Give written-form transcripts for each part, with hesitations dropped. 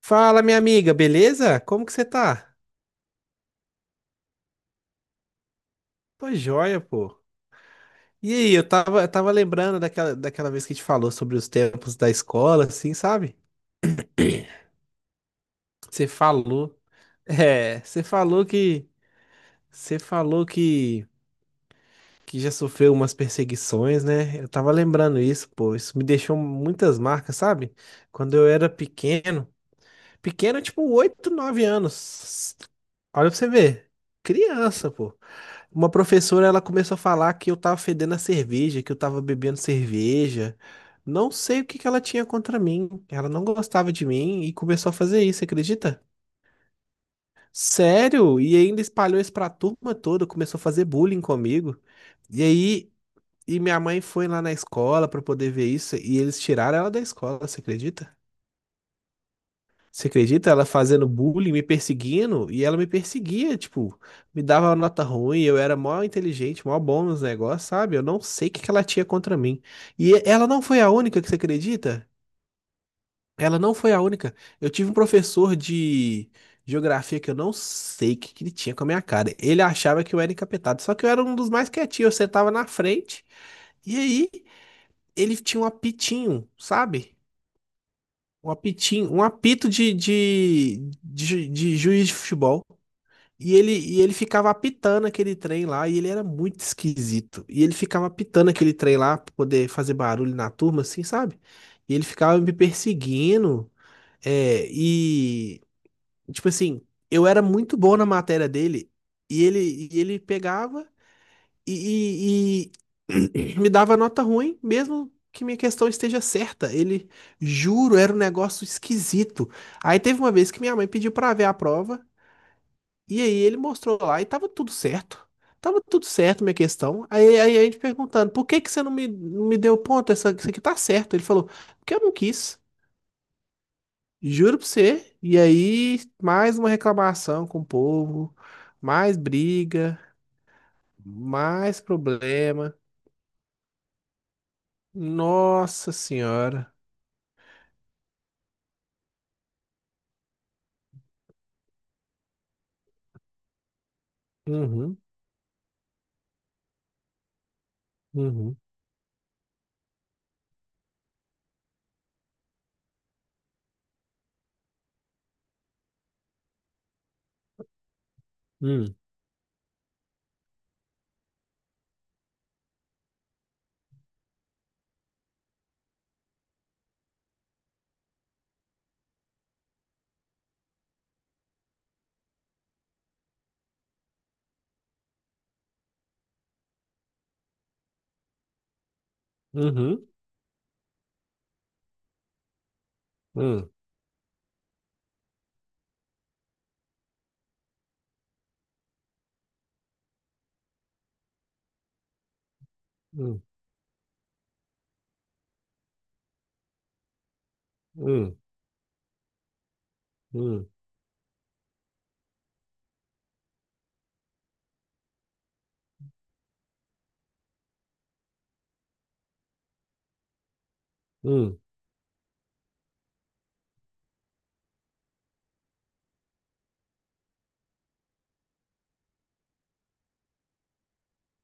Fala, minha amiga, beleza? Como que você tá? Tô joia, pô. E aí, eu tava lembrando daquela vez que a gente falou sobre os tempos da escola, assim, sabe? Você falou, você falou que você falou que, já sofreu umas perseguições, né? Eu tava lembrando isso, pô. Isso me deixou muitas marcas, sabe? Quando eu era pequeno, pequeno, tipo, 8, 9 anos. Olha pra você ver. Criança, pô. Uma professora, ela começou a falar que eu tava fedendo a cerveja, que eu tava bebendo cerveja. Não sei o que que ela tinha contra mim. Ela não gostava de mim e começou a fazer isso, acredita? Sério? E ainda espalhou isso pra turma toda, começou a fazer bullying comigo. E aí, minha mãe foi lá na escola pra poder ver isso e eles tiraram ela da escola, você acredita? Você acredita? Ela fazendo bullying, me perseguindo, e ela me perseguia, tipo, me dava nota ruim, eu era mó inteligente, mó bom nos negócios, sabe? Eu não sei o que que ela tinha contra mim. E ela não foi a única, que você acredita? Ela não foi a única. Eu tive um professor de geografia que eu não sei o que que ele tinha com a minha cara. Ele achava que eu era encapetado, só que eu era um dos mais quietinhos, eu sentava na frente, e aí ele tinha um apitinho, sabe? Um apitinho, um apito de juiz de futebol. E ele ficava apitando aquele trem lá, e ele era muito esquisito. E ele ficava apitando aquele trem lá pra poder fazer barulho na turma, assim, sabe? E ele ficava me perseguindo. É, e, tipo assim, eu era muito bom na matéria dele, e ele pegava e, e- e me dava nota ruim, mesmo que minha questão esteja certa. Ele, juro, era um negócio esquisito. Aí teve uma vez que minha mãe pediu pra ver a prova. E aí ele mostrou lá e tava tudo certo. Tava tudo certo, minha questão. Aí, a gente perguntando, por que que você não me, deu ponto? Isso aqui tá certo. Ele falou, porque eu não quis. Juro pra você. E aí, mais uma reclamação com o povo, mais briga, mais problema. Nossa Senhora. Uhum, uhum, hum, uhum, hum, hum, hum, hum, hum,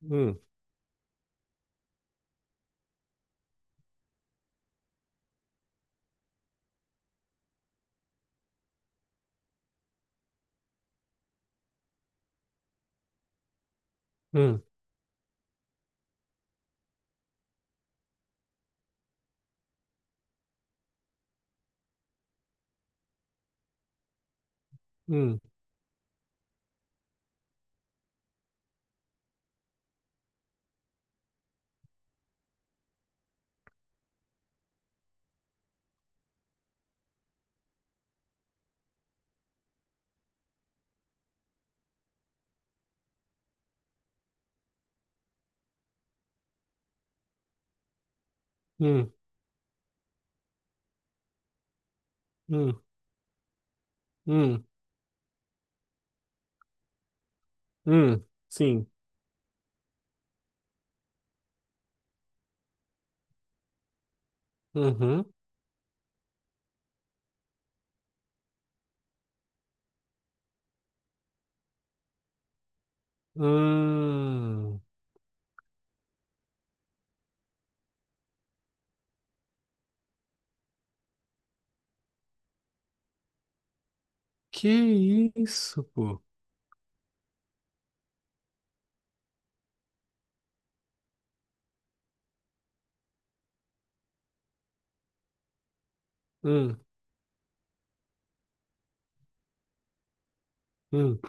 hum, hum, hum, hum, hum, hum, hum. Sim. Uhum. Hum, que isso, pô? Hum, hum.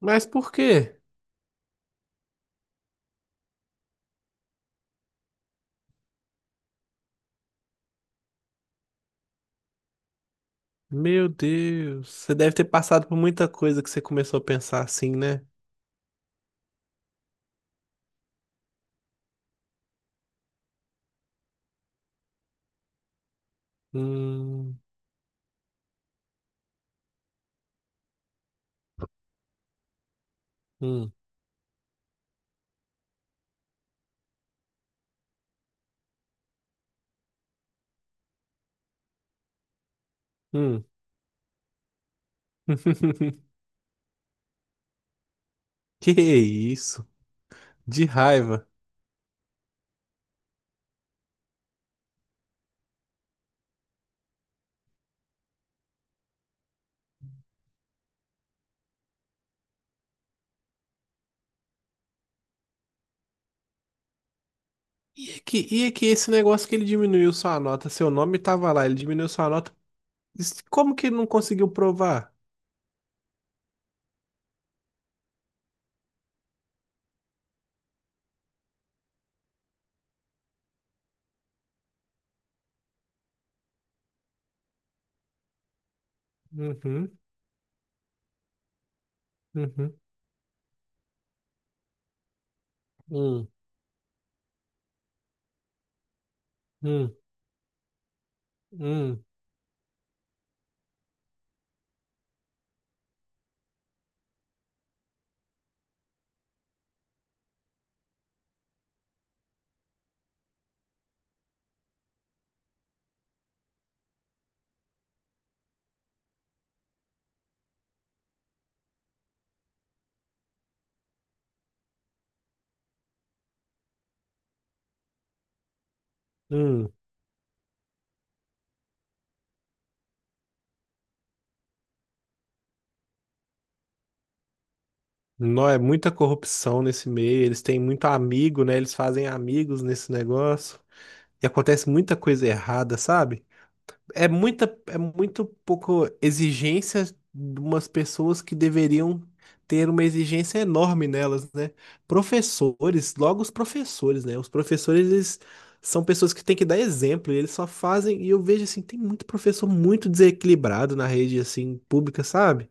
Mas por quê? Meu Deus, você deve ter passado por muita coisa que você começou a pensar assim, né? Hum, hum, hum. Que isso? De raiva. E é que esse negócio que ele diminuiu sua nota, seu nome tava lá, ele diminuiu sua nota. Como que ele não conseguiu provar? Uhum, uhum, hum, hum, hum, hum. Não, é muita corrupção nesse meio. Eles têm muito amigo, né? Eles fazem amigos nesse negócio. E acontece muita coisa errada, sabe? É muito pouco exigência de umas pessoas que deveriam ter uma exigência enorme nelas, né? Professores, logo os professores, né? Os professores, eles são pessoas que têm que dar exemplo, e eles só fazem, e eu vejo assim, tem muito professor muito desequilibrado na rede assim pública, sabe?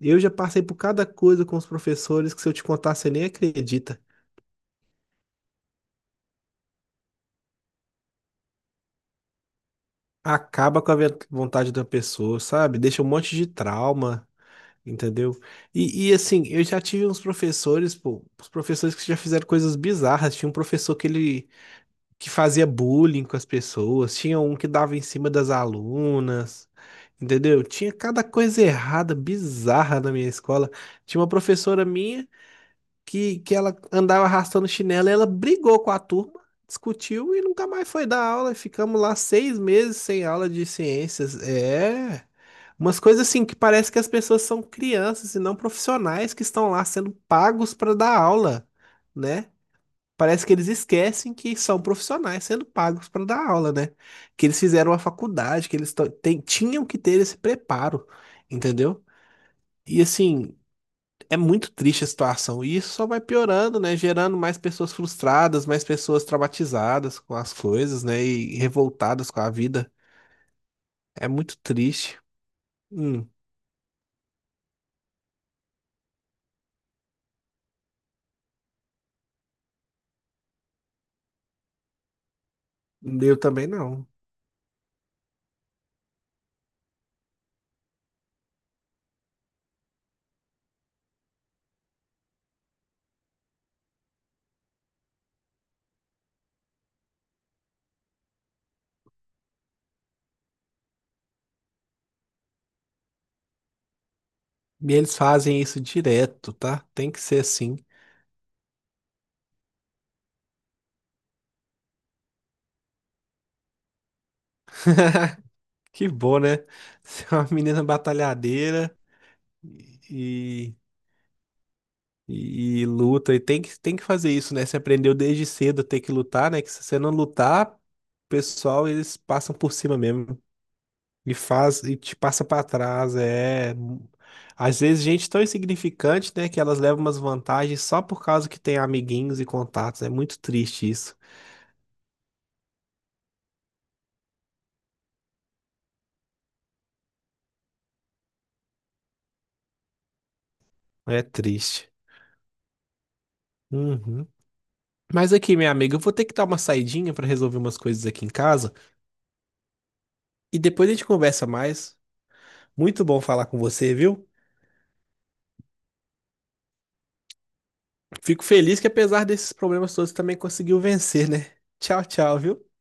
Eu já passei por cada coisa com os professores que se eu te contar, você nem acredita. Acaba com a vontade da pessoa, sabe? Deixa um monte de trauma. Entendeu? Assim, eu já tive uns professores, pô, os professores que já fizeram coisas bizarras. Tinha um professor que fazia bullying com as pessoas, tinha um que dava em cima das alunas, entendeu? Tinha cada coisa errada, bizarra na minha escola. Tinha uma professora minha que ela andava arrastando chinelo, e ela brigou com a turma, discutiu e nunca mais foi dar aula. Ficamos lá 6 meses sem aula de ciências. É. Umas coisas assim que parece que as pessoas são crianças e não profissionais que estão lá sendo pagos para dar aula, né? Parece que eles esquecem que são profissionais sendo pagos para dar aula, né? Que eles fizeram a faculdade, que eles tinham que ter esse preparo, entendeu? E assim, é muito triste a situação. E isso só vai piorando, né? Gerando mais pessoas frustradas, mais pessoas traumatizadas com as coisas, né? E revoltadas com a vida. É muito triste. Hum, eu também não. E eles fazem isso direto, tá? Tem que ser assim. Que bom, né? Ser uma menina batalhadeira e, e luta. E tem que fazer isso, né? Você aprendeu desde cedo a ter que lutar, né? Que se você não lutar, o pessoal, eles passam por cima mesmo. E faz e te passa pra trás, é. Às vezes gente tão insignificante, né, que elas levam umas vantagens só por causa que tem amiguinhos e contatos. É muito triste isso. É triste. Uhum. Mas aqui, minha amiga, eu vou ter que dar uma saidinha pra resolver umas coisas aqui em casa e depois a gente conversa mais. Muito bom falar com você, viu? Fico feliz que apesar desses problemas todos também conseguiu vencer, né? Tchau, tchau, viu?